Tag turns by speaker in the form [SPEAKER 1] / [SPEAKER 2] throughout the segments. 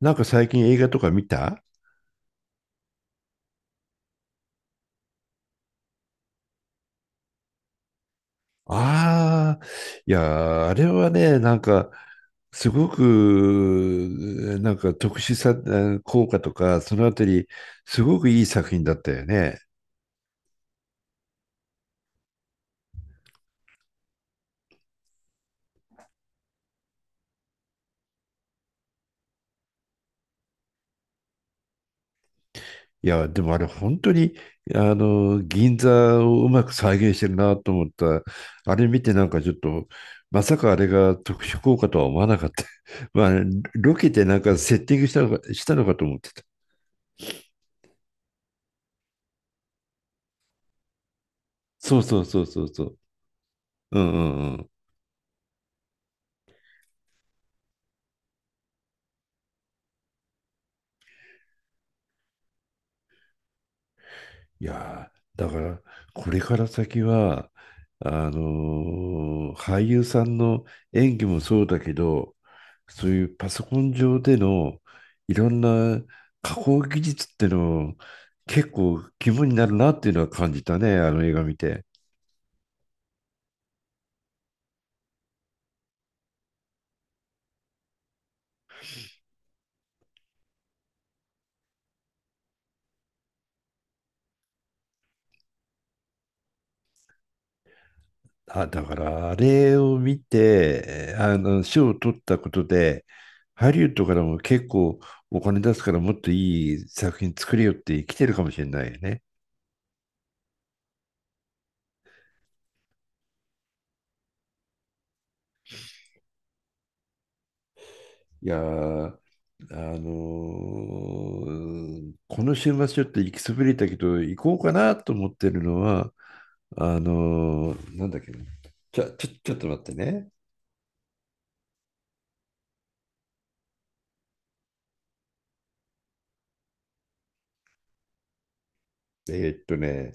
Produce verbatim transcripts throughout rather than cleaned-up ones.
[SPEAKER 1] なんか最近映画とか見た？ああ。いやー、あれはね、なんか、すごく、なんか特殊さ、えー効果とか、そのあたり、すごくいい作品だったよね。いや、でもあれ、本当に、あの、銀座をうまく再現してるなと思った。あれ見て、なんかちょっと、まさかあれが特殊効果とは思わなかった。まあ、ロケでなんかセッティングしたのか、したのかと思ってた。そうそうそうそうそう。うんうんうん。いやー、だから、これから先は、あのー俳優さんの演技もそうだけど、そういうパソコン上でのいろんな加工技術っての結構肝になるなっていうのは感じたね、あの映画見て。あ、だからあれを見て、あの、賞を取ったことで、ハリウッドからも結構お金出すからもっといい作品作れよって来てるかもしれないよね。いやー、あのーこの週末ちょっと行きそびれたけど、行こうかなと思ってるのは、あのーなんだっけな。ちょ、ちょ、ちょっと待ってね。えーっとね、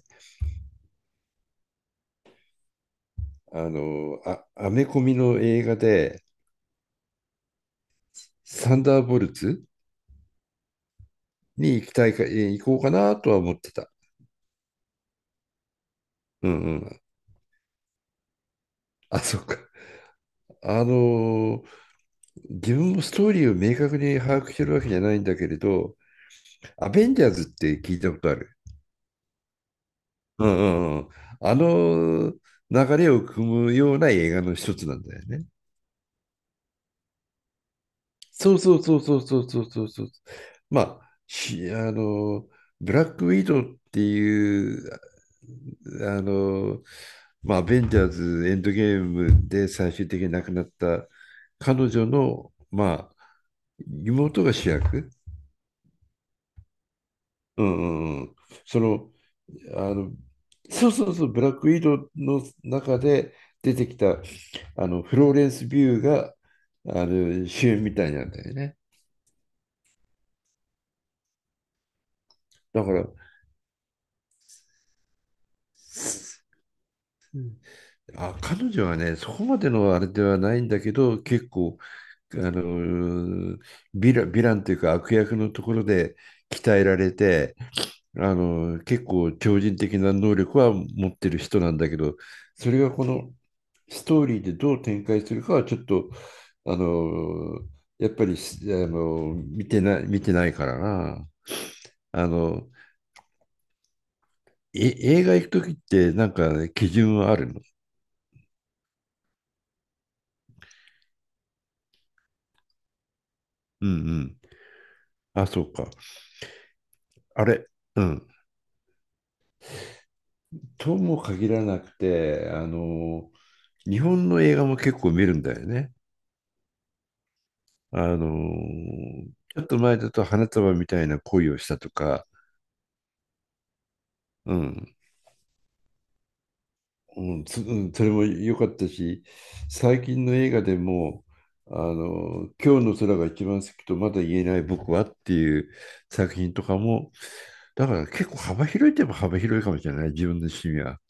[SPEAKER 1] あのーあ、アメコミの映画で、サンダーボルツに行きたいか、えー行こうかなとは思ってた。うんうん。あ、そっか。あのー自分もストーリーを明確に把握してるわけじゃないんだけれど、アベンジャーズって聞いたことある？うんうんうん。あの流れを組むような映画の一つなんだよね。そうそうそうそうそうそうそうそう。まあ、しあの、ブラックウィドウっていう、あの、まあ、アベンジャーズエンドゲームで最終的に亡くなった彼女の、まあ、妹が主役。うんうんうん。その、あの、そうそうそう、ブラックウィドウの中で出てきた、あの、フローレンス・ビューが、あの、主演みたいなんだよね。だから、うんあ、彼女はね、そこまでのあれではないんだけど、結構、あの、ヴィラ、ヴィランというか悪役のところで鍛えられて、あの、結構超人的な能力は持ってる人なんだけど、それがこのストーリーでどう展開するかはちょっと、あの、やっぱりすあの、見てない、見てないからな。あの、え、映画行くときってなんかね基準はあるの？うんうん。あ、そうか。あれ、うん。とも限らなくて、あの、日本の映画も結構見るんだよね。あの、ちょっと前だと花束みたいな恋をしたとか、うん、うん、そうんそれも良かったし、最近の映画でも、あの、今日の空が一番好きとまだ言えない僕はっていう作品とかも、だから結構幅広いといえば幅広いかもしれない、自分の趣味は。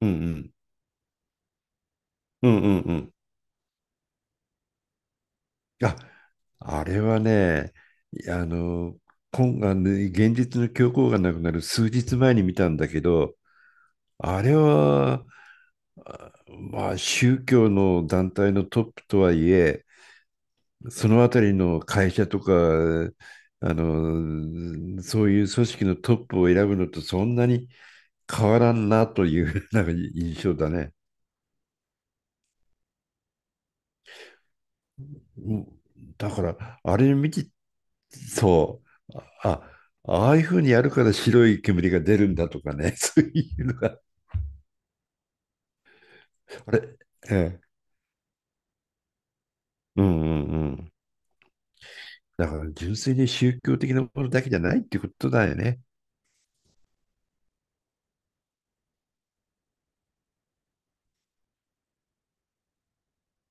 [SPEAKER 1] うんうん。うんうんうん。あ、あれはね、あの、今あの現実の教皇がなくなる数日前に見たんだけど、あれは、まあ、宗教の団体のトップとはいえ、そのあたりの会社とか、あの、そういう組織のトップを選ぶのとそんなに変わらんなという なんか印象だね。うん。だから、あれ見て、そう、あ、ああいうふうにやるから白い煙が出るんだとかね、そういうのが、あれ、ええ、うんうんうん。だから純粋に宗教的なものだけじゃないってことだよね。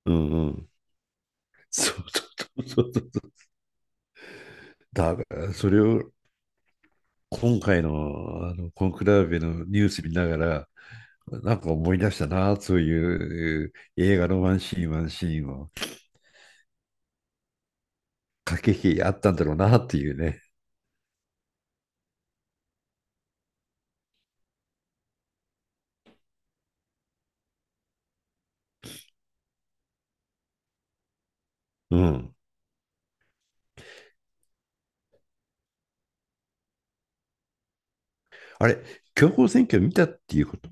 [SPEAKER 1] うんうん。そうそうそうそう。だから、それを今回の、あのコンクラーベのニュース見ながら、なんか思い出したな、そういう映画のワンシーン、ワンシーンを駆け引きあったんだろうなっていうね。うん。あれ、強行選挙見たっていうこと？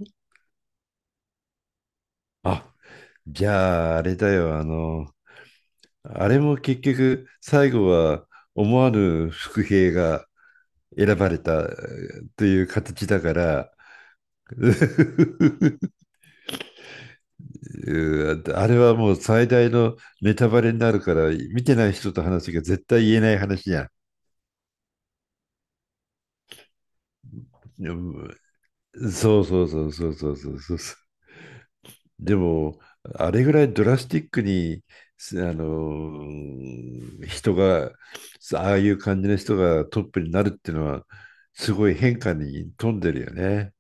[SPEAKER 1] あ、じゃああれだよ、あの、あれも結局最後は思わぬ伏兵が選ばれたえーという形だから、うーあれはもう最大のネタバレになるから、見てない人と話が絶対言えない話じゃん。うん。そうそうそうそうそうそうそうそう。でも、あれぐらいドラスティックに、すあの人が、ああいう感じの人がトップになるっていうのは、すごい変化に富んでるよね。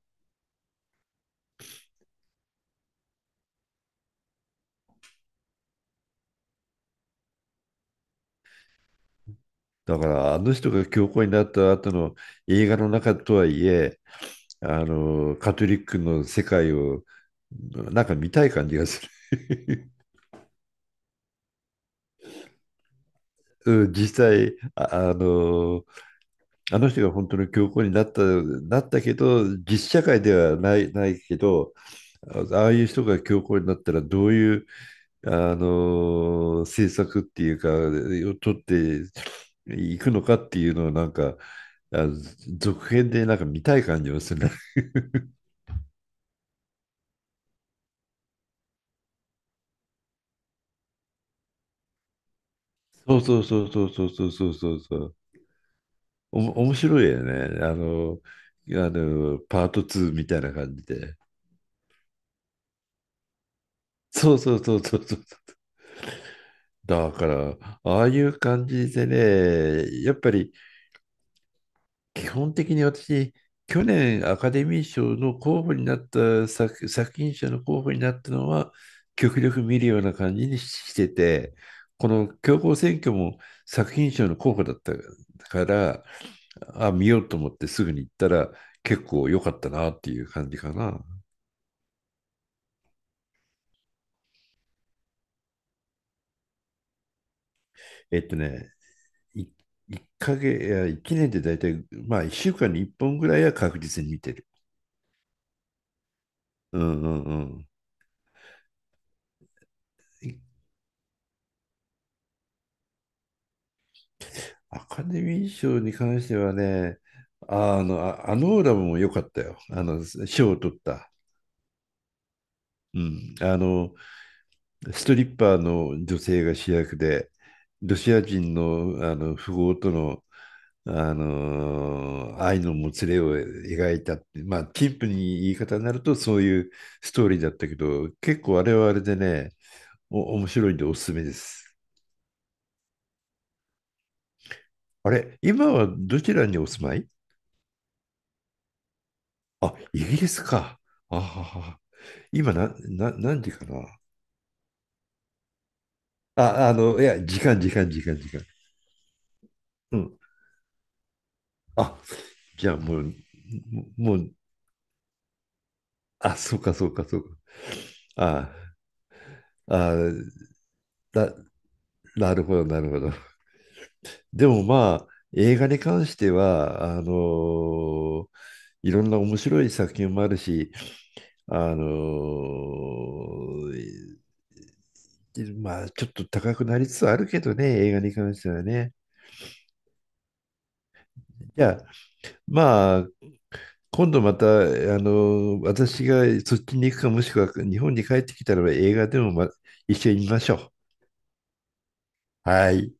[SPEAKER 1] だからあの人が教皇になった後の映画の中とはいえ、あのカトリックの世界をなんか見たい感じがする。うん。実際あ、あのあの人が本当の教皇になった、なったけど実社会ではない、ないけどあああいう人が教皇になったらどういうあの政策っていうか、を取っていくのかっていうのをなんか、あ続編でなんか見たい感じもするね。そうそうそうそうそうそうそうそうそう。おも、面白いよね。あの、あの、パートパートツーみたいな感じで。そうそうそうそうそう。だから、ああいう感じでね、やっぱり基本的に私、去年アカデミー賞の候補になった作、作品賞の候補になったのは、極力見るような感じにしてて、この強行選挙も作品賞の候補だったから、あ、見ようと思ってすぐに行ったら、結構良かったなっていう感じかな。えっとね、いいっかげつ、いや、いちねんで大体、まあいっしゅうかんにいっぽんぐらいは確実に見てる。うんうんうん。アカデミー賞に関してはね、あの、あ、あのオーラムも良かったよ。あの、賞を取った。うん。あの、ストリッパーの女性が主役で、ロシア人の、あの富豪との、あの愛のもつれを描いたって、まあ、陳腐に言い方になるとそういうストーリーだったけど、結構あれはあれでね、お、面白いんでおすすめです。あれ、今はどちらにお住まい？あ、イギリスか。あはは。今な、な、何時かなあ？あの、いや、時間、時間、時間、時間。うん。あ、じゃあもう、もう、あ、そうか、そうか、そうか。ああ、だ、なるほど、なるほど。でもまあ、映画に関しては、あのーいろんな面白い作品もあるし、あのーまあ、ちょっと高くなりつつあるけどね、映画に関してはね。じゃあ、まあ、今度また、あの、私がそっちに行くか、もしくは日本に帰ってきたらば映画でも、ま、一緒に見ましょう。はい。